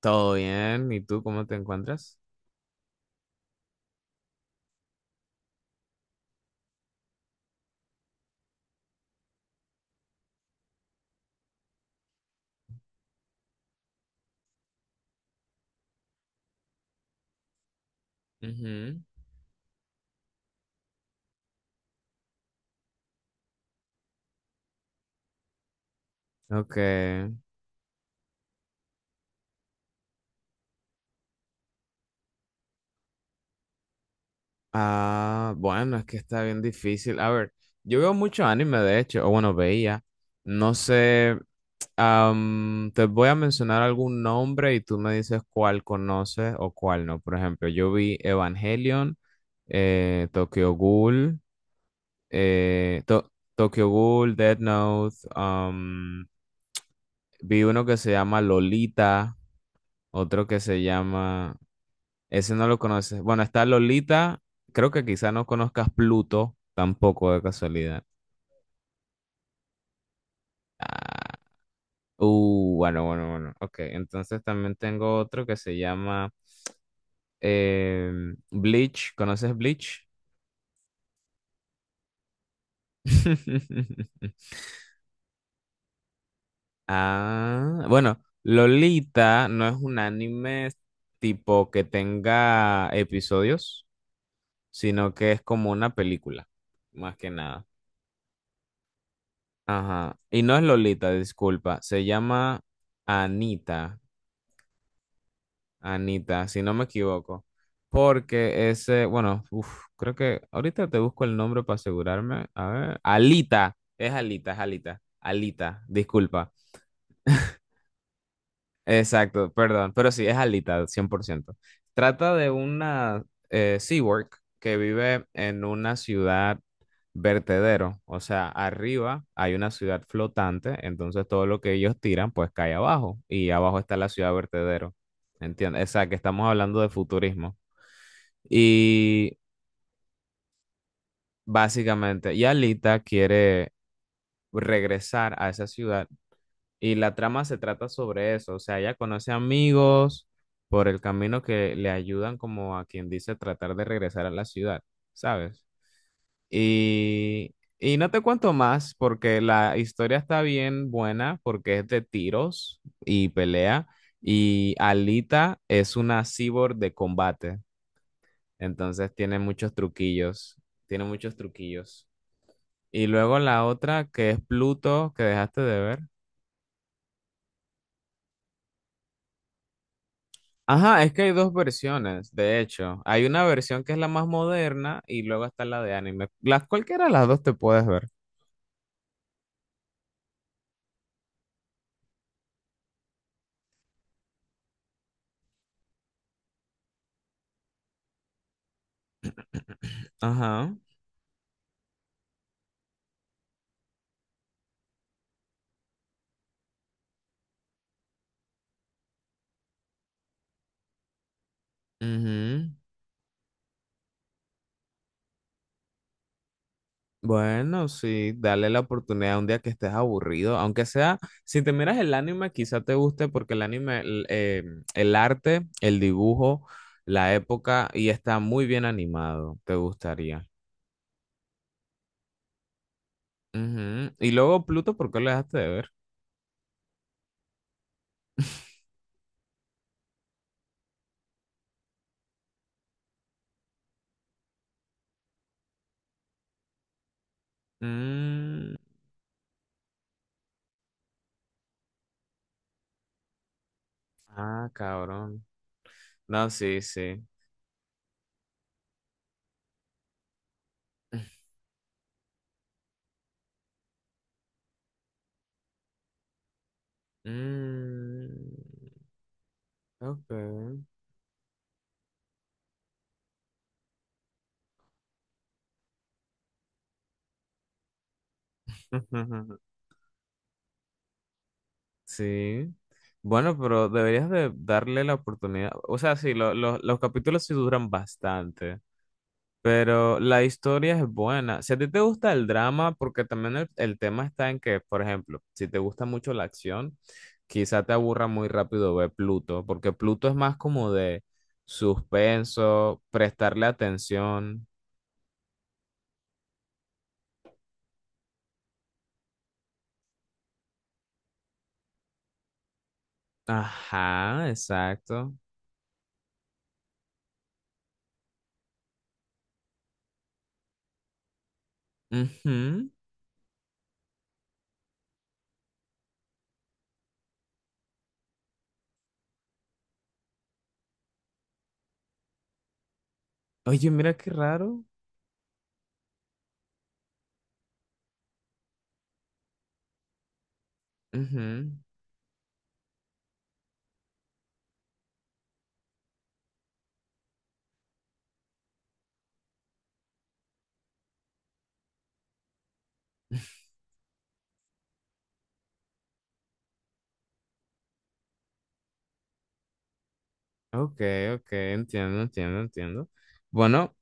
Todo bien. ¿Y tú cómo te encuentras? Ujú. Ok. Ah, bueno, es que está bien difícil. A ver, yo veo mucho anime, de hecho, o bueno, veía. No sé, te voy a mencionar algún nombre y tú me dices cuál conoces o cuál no. Por ejemplo, yo vi Evangelion, Tokyo Ghoul, eh, To- Tokyo Ghoul, Death Note, vi uno que se llama Lolita, otro que se llama. Ese no lo conoces. Bueno, está Lolita. Creo que quizá no conozcas Pluto tampoco de casualidad. Ah, bueno, bueno, bueno. Ok, entonces también tengo otro que se llama eh, Bleach. ¿Conoces Bleach? Ah, bueno, Lolita no es un anime tipo que tenga episodios, sino que es como una película, más que nada. Ajá. Y no es Lolita, disculpa. Se llama Anita. Anita, si no me equivoco. Porque ese, bueno, uf, creo que ahorita te busco el nombre para asegurarme. A ver. Alita. Es Alita, es Alita. Alita, disculpa. Exacto, perdón. Pero sí, es Alita, 100%. Trata de una Seawork que vive en una ciudad vertedero, o sea, arriba hay una ciudad flotante, entonces todo lo que ellos tiran pues cae abajo y abajo está la ciudad vertedero, ¿entiendes? O sea, que estamos hablando de futurismo. Y básicamente, Yalita quiere regresar a esa ciudad y la trama se trata sobre eso, o sea, ella conoce amigos por el camino que le ayudan como a quien dice tratar de regresar a la ciudad, ¿sabes? Y, y no te cuento más porque la historia está bien buena porque es de tiros y pelea y Alita es una cyborg de combate, entonces tiene muchos truquillos, tiene muchos truquillos. Y luego la otra que es Pluto que dejaste de ver. Ajá, es que hay dos versiones, de hecho. Hay una versión que es la más moderna y luego está la de anime. Las cualquiera de las dos te puedes ver. Ajá. Ujú. Bueno, sí, dale la oportunidad un día que estés aburrido, aunque sea, si te miras el anime, quizá te guste porque el anime, el arte, el dibujo, la época, y está muy bien animado, te gustaría. Ujú. Y luego Pluto, ¿por qué lo dejaste de ver? Mm, ah, cabrón. No, sí, sí. Mm, ok. Sí. Bueno, pero deberías de darle la oportunidad. O sea, sí, los capítulos sí duran bastante, pero la historia es buena. Si a ti te gusta el drama, porque también el tema está en que, por ejemplo, si te gusta mucho la acción, quizá te aburra muy rápido ver Pluto, porque Pluto es más como de suspenso, prestarle atención. Ajá, exacto. Ujú. Oye, mira qué raro. Ujú. Ok, ok, entiendo, entiendo, entiendo. Bueno,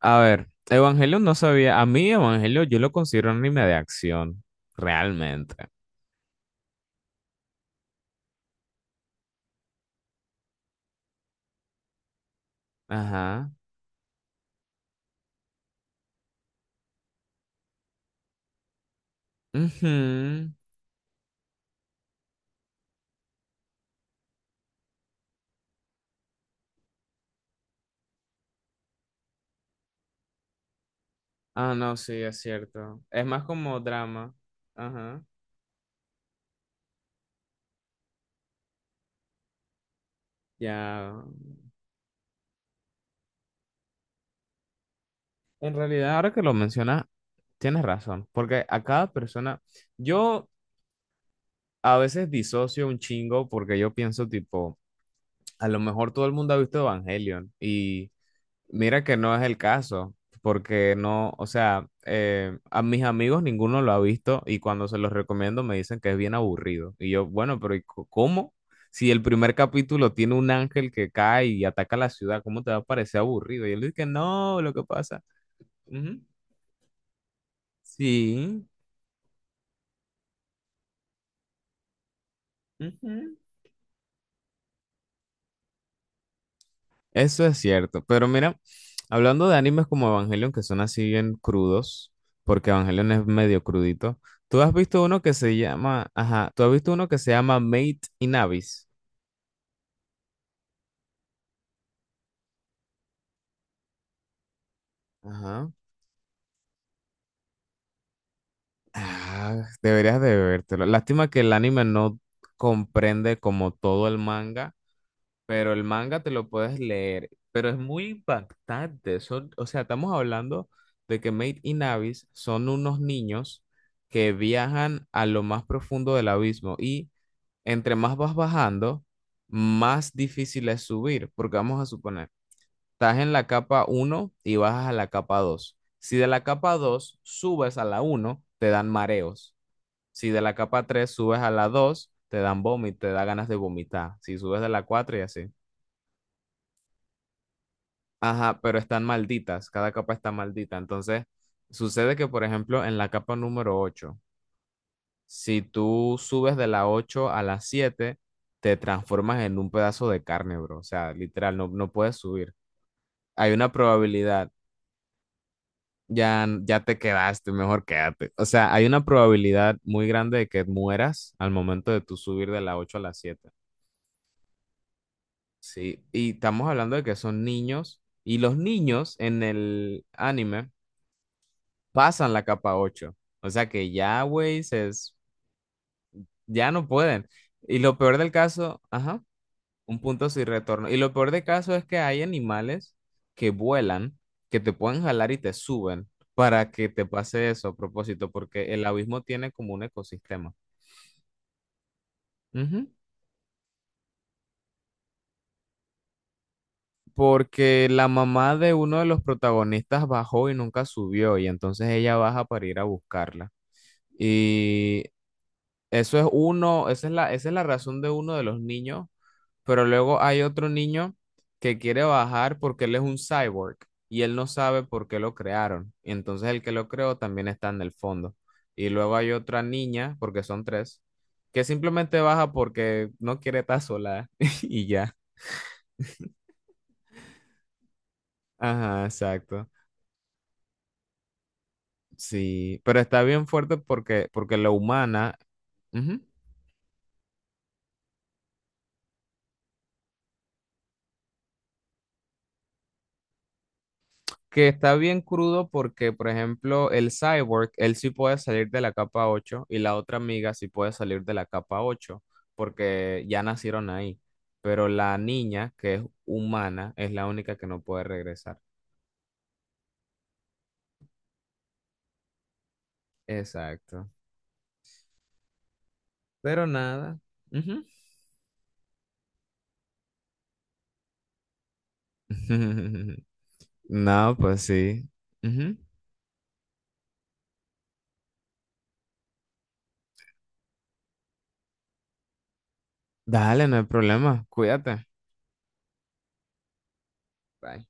a ver, Evangelion no sabía, a mí Evangelion yo lo considero anime de acción, realmente. Ajá. Ujú. Ah, no, sí, es cierto. Es más como drama. Ajá. Ya, en realidad, ahora que lo mencionas, tienes razón, porque a cada persona, yo a veces disocio un chingo porque yo pienso tipo, a lo mejor todo el mundo ha visto Evangelion y. Mira que no es el caso, porque no, o sea, a mis amigos ninguno lo ha visto y cuando se los recomiendo me dicen que es bien aburrido. Y yo, bueno, pero ¿y cómo? Si el primer capítulo tiene un ángel que cae y ataca la ciudad, ¿cómo te va a parecer aburrido? Y él dice que no, lo que pasa. Ujú, sí. Eso es cierto, pero mira, hablando de animes como Evangelion, que son así bien crudos, porque Evangelion es medio crudito, ¿tú has visto uno que se llama, ajá, tú has visto uno que se llama Mate in Abyss? Ajá. Ah, deberías de vértelo. Lástima que el anime no comprende como todo el manga. Pero el manga te lo puedes leer, pero es muy impactante. Son, o sea, estamos hablando de que Maid y Navis son unos niños que viajan a lo más profundo del abismo y entre más vas bajando, más difícil es subir, porque vamos a suponer, estás en la capa uno y bajas a la capa 2. Si de la capa 2 subes a la uno te dan mareos. Si de la capa tres subes a la 2 te dan vómito, te da ganas de vomitar. Si subes de la 4 y así. Ajá, pero están malditas, cada capa está maldita. Entonces, sucede que, por ejemplo, en la capa número 8, si tú subes de la 8 a la 7, te transformas en un pedazo de carne, bro. O sea, literal, no, no puedes subir. Hay una probabilidad, ya, ya te quedaste, mejor quédate. O sea, hay una probabilidad muy grande de que mueras al momento de tú subir de la 8 a la 7. Sí, y estamos hablando de que son niños, y los niños en el anime pasan la capa ocho. O sea que ya, güey, ya no pueden. Y lo peor del caso, ajá, un punto sin retorno. Y lo peor del caso es que hay animales que vuelan, que te pueden jalar y te suben para que te pase eso a propósito, porque el abismo tiene como un ecosistema. Ujú. Porque la mamá de uno de los protagonistas bajó y nunca subió, y entonces ella baja para ir a buscarla. Y eso es uno, esa es la razón de uno de los niños. Pero luego hay otro niño que quiere bajar porque él es un cyborg y él no sabe por qué lo crearon. Y entonces el que lo creó también está en el fondo. Y luego hay otra niña, porque son tres, que simplemente baja porque no quiere estar sola y ya. Ajá, exacto. Sí, pero está bien fuerte porque, la humana. Ujú. Que está bien crudo porque, por ejemplo, el Cyborg, él sí puede salir de la capa ocho y la otra amiga sí puede salir de la capa 8 porque ya nacieron ahí. Pero la niña, que es humana, es la única que no puede regresar. Exacto. Pero nada. Ujú. No, pues sí. Ujú. Dale, no hay problema. Cuídate. Bye.